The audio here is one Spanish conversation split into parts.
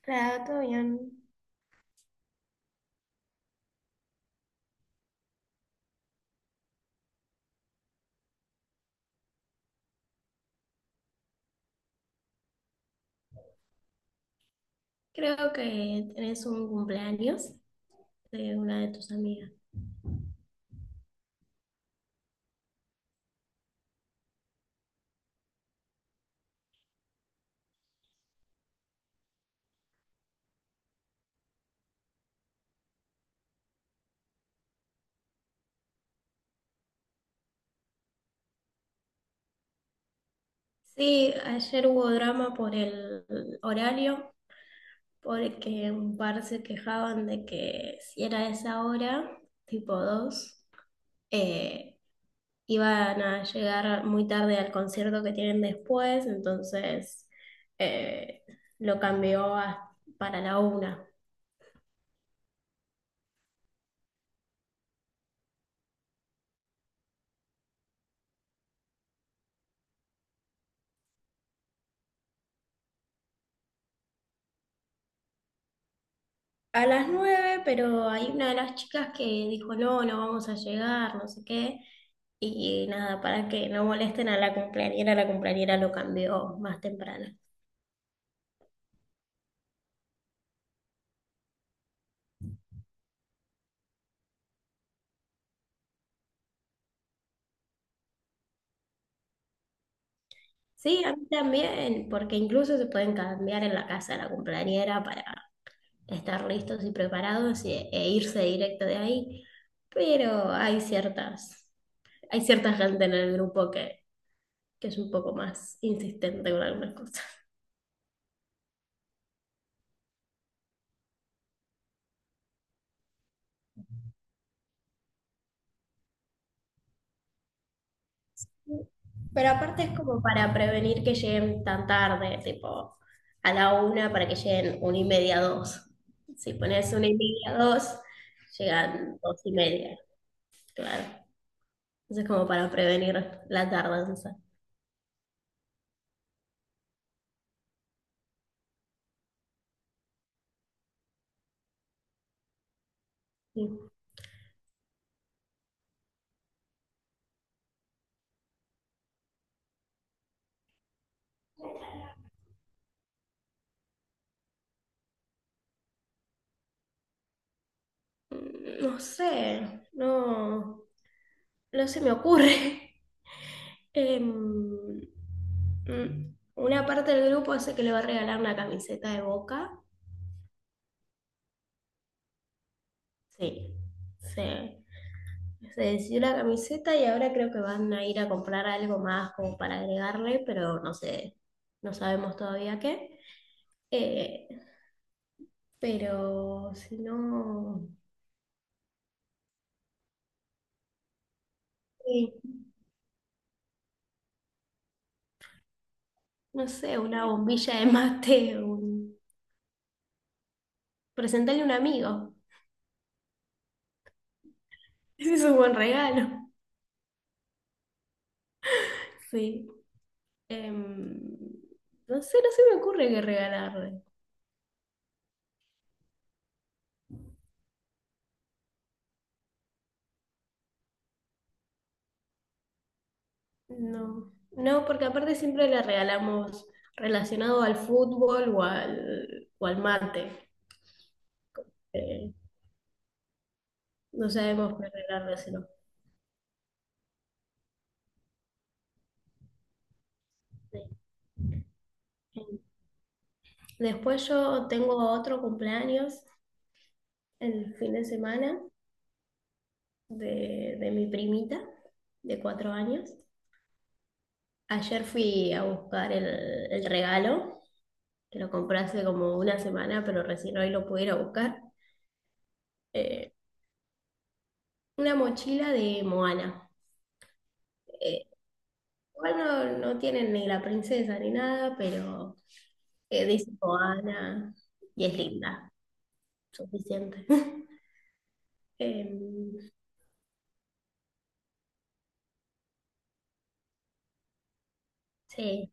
Claro, todo bien. Creo que tenés un cumpleaños de una de tus amigas. Sí, ayer hubo drama por el horario, porque un par se quejaban de que si era esa hora, tipo 2, eh, iban a llegar muy tarde al concierto que tienen después, entonces eh, lo cambió a- para la una. A las nueve, pero hay una de las chicas que dijo, no, no vamos a llegar, no sé qué. Y nada, para que no molesten a la cumpleañera lo cambió más temprano. Sí, a mí también, porque incluso se pueden cambiar en la casa de la cumpleañera para estar listos y e irse directo de ahí. Pero hay ciertas, hay cierta gente en el grupo que es un poco más insistente con algunas cosas. Pero aparte es como para prevenir que lleguen tan tarde, tipo a la una para que lleguen una y media, dos. Si pones una y media, dos, llegan dos y media, claro. Entonces como para prevenir la tardanza. Sí. No sé, no, no se me ocurre. Em, una parte del grupo hace que le va a regalar una camiseta de Boca. Sí, sí. Se decidió la camiseta y ahora creo que van a ir a comprar algo más como para agregarle, pero no sé, no sabemos todavía qué. Eh, pero si no, eh, no sé, una bombilla de mate, presentarle a un amigo. Ese es un buen regalo. Sí. Em, no sé, no se me ocurre qué regalarle. No, no, porque aparte siempre le regalamos relacionado al fútbol o al mate. Eh, No sabemos qué regalárselo. Sí. Después yo tengo otro cumpleaños el fin de semana de mi primita de 4 años. Ayer fui a buscar el regalo, que lo compré hace como una semana, pero recién hoy lo pude ir a buscar. Eh, una mochila de Moana. Eh, Igual no, no tienen ni la princesa ni nada, pero dice Moana y es linda, suficiente. Em, sí,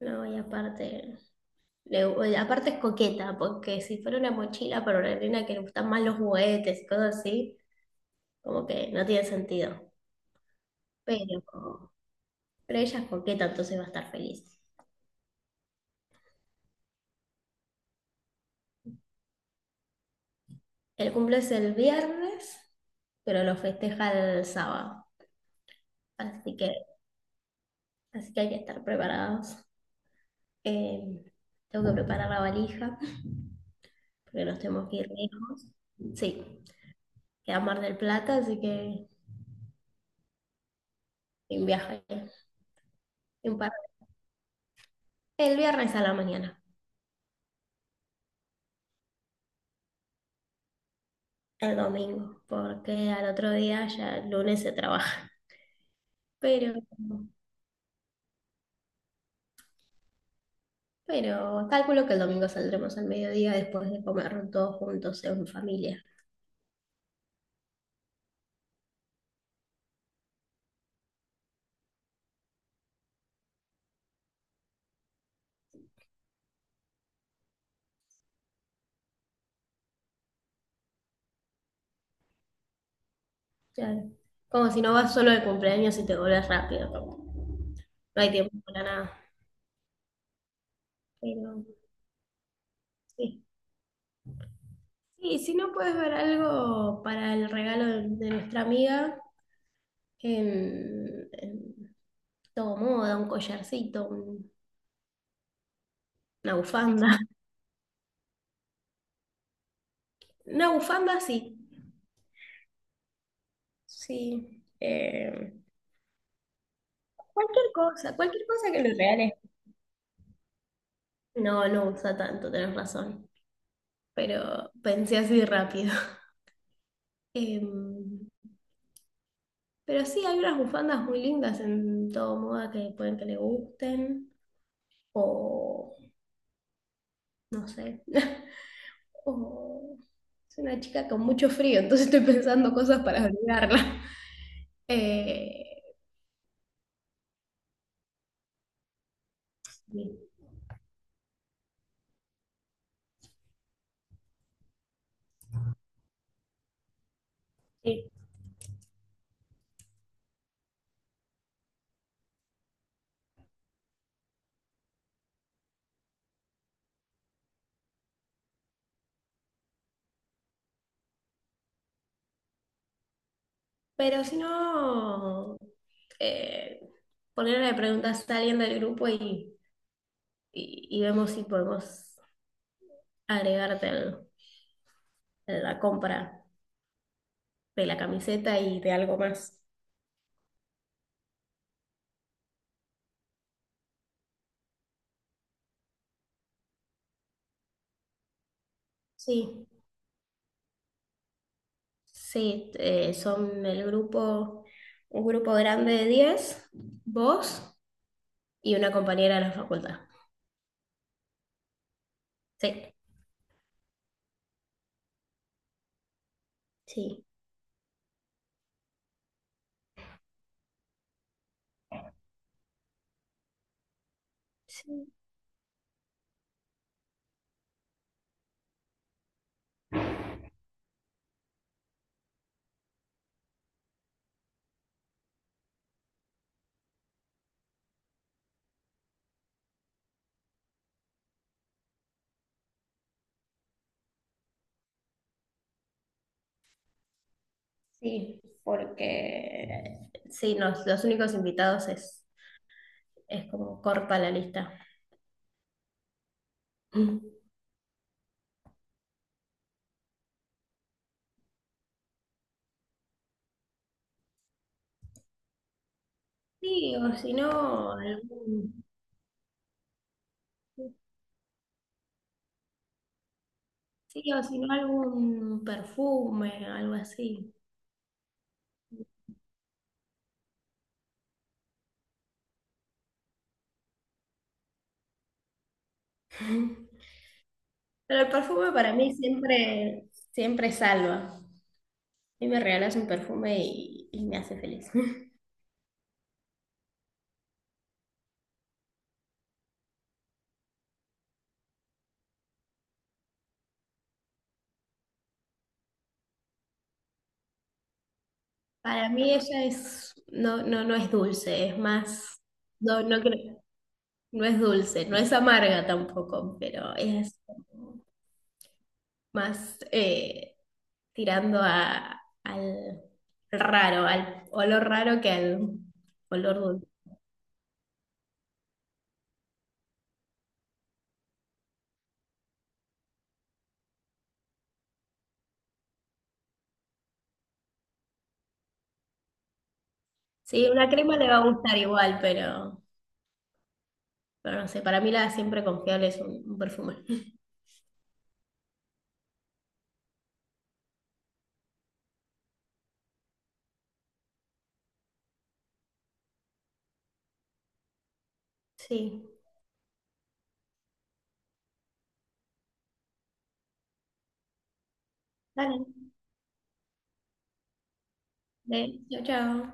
no, y aparte, le- aparte es coqueta, porque si fuera una mochila para una nena que le gustan más los juguetes y cosas así, como que no tiene sentido. Pero, pero ella es coqueta, entonces va a estar feliz. El cumple es el viernes, pero lo festeja el sábado. Así que, así que hay que estar preparados. Eh, Tengo que preparar la valija, porque nos tenemos que ir lejos. Sí, queda Mar del Plata, así que un viaje. un par- El viernes a la mañana. El domingo, porque al otro día ya el lunes se trabaja. Pero, pero calculo que el domingo saldremos al mediodía después de comer todos juntos en familia. Ya, como si no vas solo de cumpleaños y te volvés rápido, como no hay tiempo para nada. Pero sí. Y si no puedes ver algo para el regalo de nuestra amiga, em, em, todo moda, un collarcito, una bufanda. Una bufanda, sí. Sí. Cualquier cosa que lo reales. No, no usa tanto, tenés razón. Pero pensé así rápido. Em, pero sí, hay unas bufandas muy lindas en todo moda que pueden que le gusten. O no sé. O soy una chica con mucho frío, entonces estoy pensando cosas para abrigarla. Eh, sí, sí. Pero si no, eh, ponerle preguntas a alguien del grupo y, y vemos si podemos agregarte al- a la compra de la camiseta y de algo más. Sí, sí, son el grupo, un grupo grande de 10 vos y una compañera de la facultad. Sí, sí, sí, sí, porque sí, los únicos invitados es como corta la lista. Sí, o si no, algún, sí, o si no algún perfume, algo así. Pero el perfume para mí siempre, siempre salva. Y me regalas un perfume y me hace feliz. Para mí ella es, no, no, no es dulce, es más, no, no creo, no es dulce, no es amarga tampoco, pero es más tirando a, al raro, al olor raro que al olor dulce. Sí, una crema le va a gustar igual, pero, no sé, para mí la siempre confiable es un perfume. Sí, dale. Đấy, chào chào.